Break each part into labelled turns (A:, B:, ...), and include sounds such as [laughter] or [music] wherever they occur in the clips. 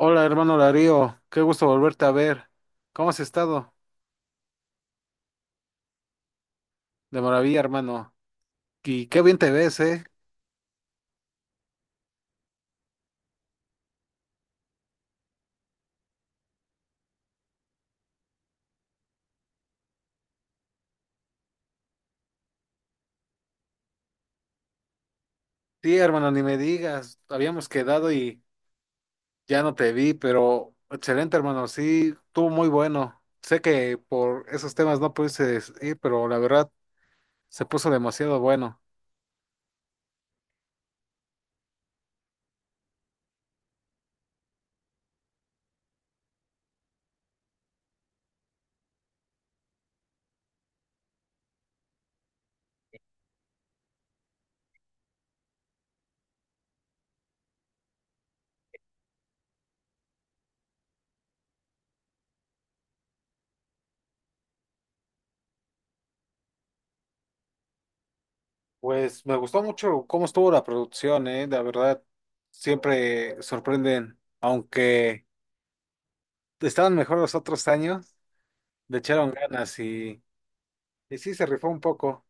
A: Hola, hermano Larío, qué gusto volverte a ver. ¿Cómo has estado? De maravilla, hermano. Y qué bien te ves, ¿eh? Sí, hermano, ni me digas. Habíamos quedado y ya no te vi, pero excelente, hermano. Sí, estuvo muy bueno. Sé que por esos temas no pudiste ir, pero la verdad se puso demasiado bueno. Pues me gustó mucho cómo estuvo la producción, ¿eh? La verdad, siempre sorprenden, aunque estaban mejor los otros años, le echaron ganas y... Y sí, se rifó un poco.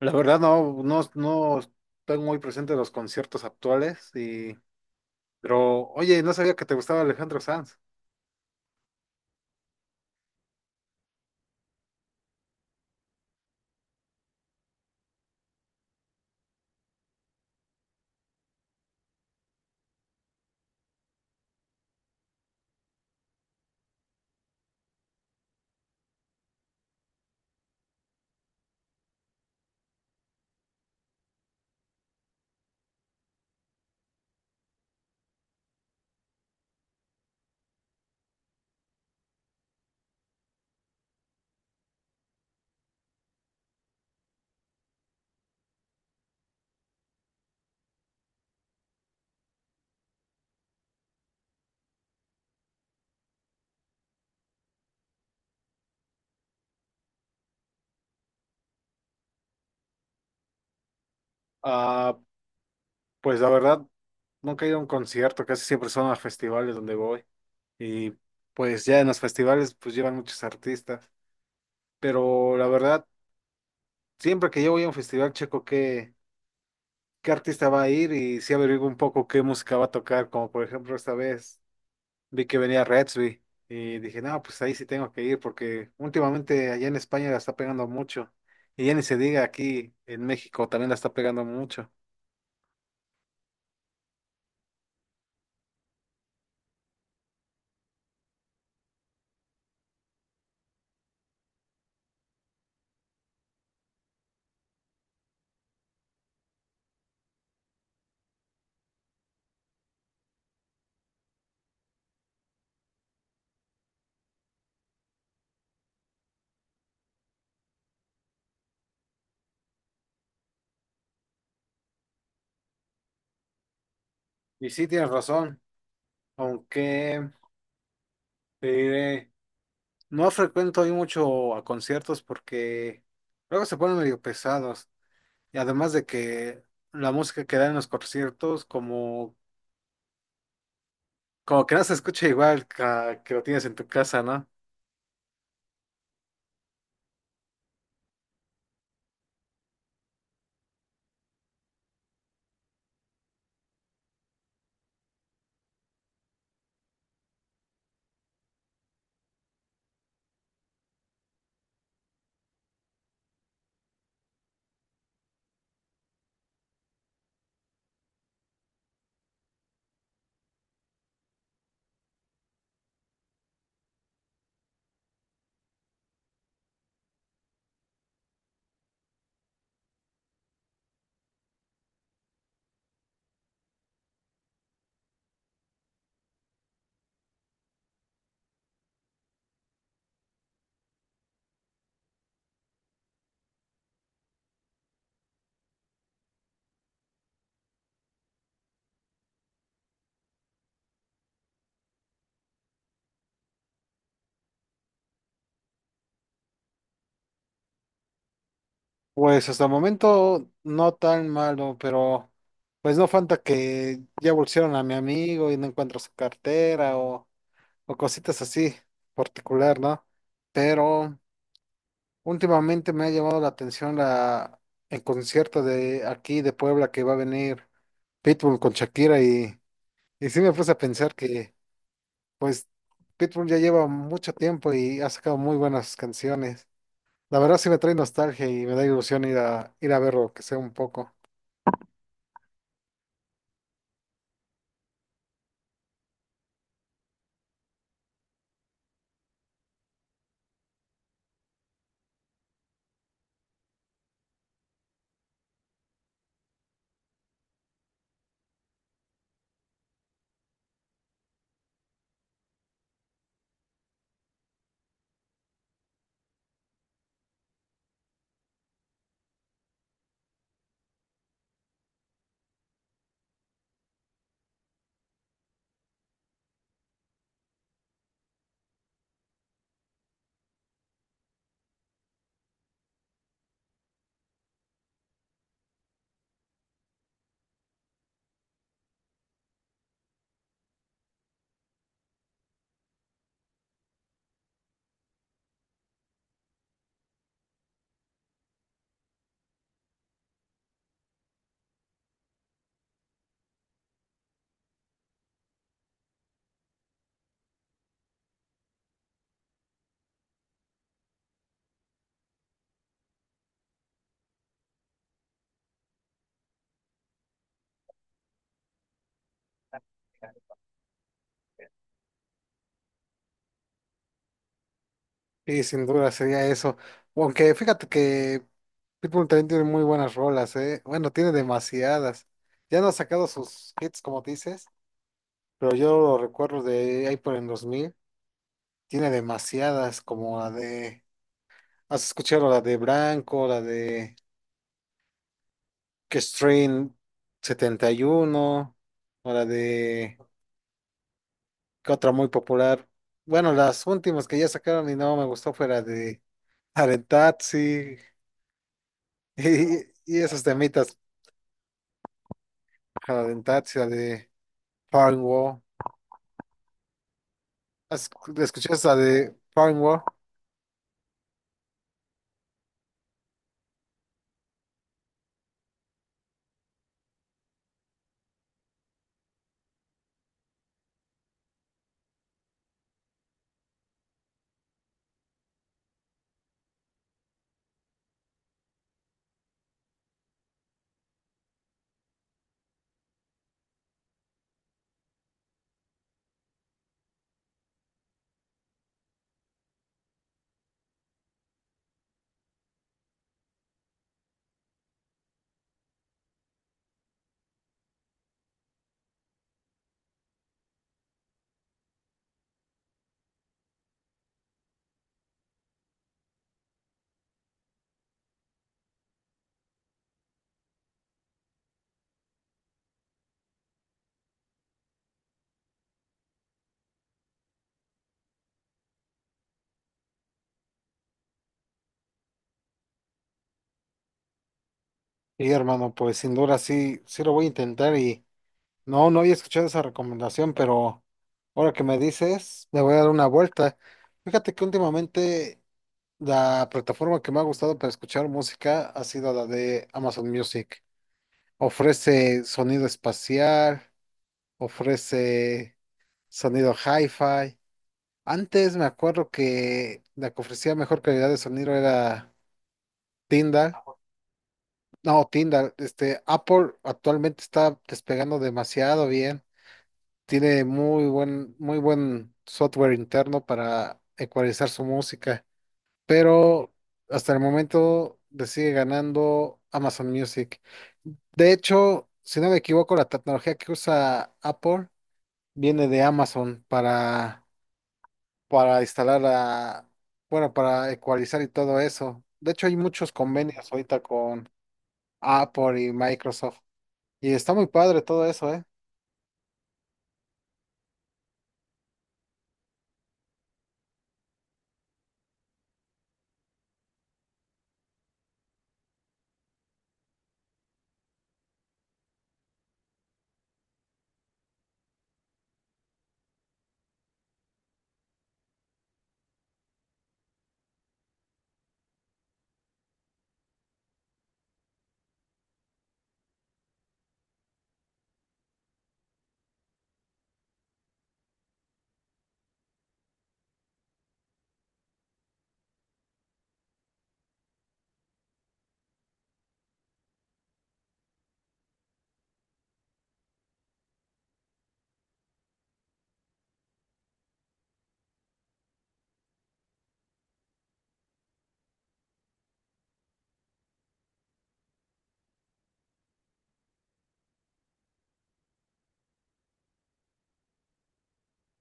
A: La verdad no, no, no estoy muy presente en los conciertos actuales y, pero oye, no sabía que te gustaba Alejandro Sanz. Ah, pues la verdad, nunca he ido a un concierto, casi siempre son a festivales donde voy. Y pues ya en los festivales pues llevan muchos artistas. Pero la verdad, siempre que yo voy a un festival checo qué, qué artista va a ir y sí averiguo un poco qué música va a tocar, como por ejemplo esta vez. Vi que venía Redsby y dije, no, pues ahí sí tengo que ir porque últimamente allá en España la está pegando mucho. Y ya ni se diga aquí en México también la está pegando mucho. Y sí tienes razón, aunque te diré, no frecuento ahí mucho a conciertos porque luego se ponen medio pesados. Y además de que la música que dan en los conciertos como, como que no se escucha igual que, lo tienes en tu casa, ¿no? Pues hasta el momento no tan malo, pero pues no falta que ya bolsearon a mi amigo y no encuentro su cartera o cositas así particular, ¿no? Pero últimamente me ha llamado la atención la, el concierto de aquí de Puebla que va a venir Pitbull con Shakira y sí me puse a pensar que pues Pitbull ya lleva mucho tiempo y ha sacado muy buenas canciones. La verdad sí me trae nostalgia y me da ilusión ir a, ir a verlo, que sea un poco. Sí, sin duda sería eso. Aunque fíjate que Pitbull también tiene muy buenas rolas, ¿eh? Bueno, tiene demasiadas. Ya no ha sacado sus hits, como dices, pero yo lo recuerdo de ahí por el 2000. Tiene demasiadas, como la de... ¿Has escuchado la de Branco, la de que Strain 71 o la de...? ¿Qué otra muy popular? Bueno, las últimas que ya sacaron y no me gustó fue la de... La de [laughs] y esos temitas Cadenazzi, la de Farnwall. ¿Has- ¿Escuché esa de Farnwall? Y hermano, pues sin duda sí, sí lo voy a intentar y no, no había escuchado esa recomendación, pero ahora que me dices, le voy a dar una vuelta. Fíjate que últimamente la plataforma que me ha gustado para escuchar música ha sido la de Amazon Music. Ofrece sonido espacial, ofrece sonido hi-fi. Antes me acuerdo que la que ofrecía mejor calidad de sonido era Tinder, no, Tinder, este, Apple actualmente está despegando demasiado bien. Tiene muy buen software interno para ecualizar su música, pero hasta el momento le sigue ganando Amazon Music. De hecho, si no me equivoco, la tecnología que usa Apple viene de Amazon para instalar la, bueno, para ecualizar y todo eso. De hecho, hay muchos convenios ahorita con Apple y Microsoft. Y está muy padre todo eso, ¿eh?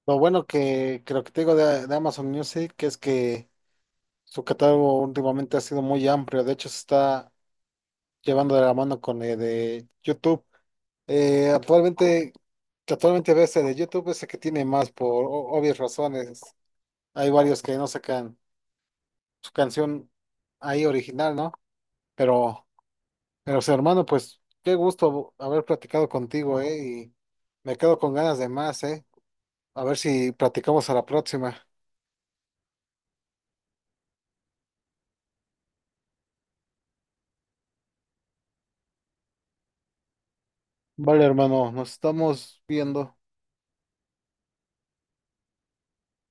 A: Lo bueno que creo que te digo de Amazon Music es que su catálogo últimamente ha sido muy amplio. De hecho, se está llevando de la mano con el de YouTube. Actualmente, que actualmente ves el de YouTube es el que tiene más por obvias razones. Hay varios que no sacan su canción ahí original, ¿no? Pero, pero, sí, hermano, pues qué gusto haber platicado contigo, ¿eh? Y me quedo con ganas de más, ¿eh? A ver si platicamos a la próxima. Vale, hermano, nos estamos viendo.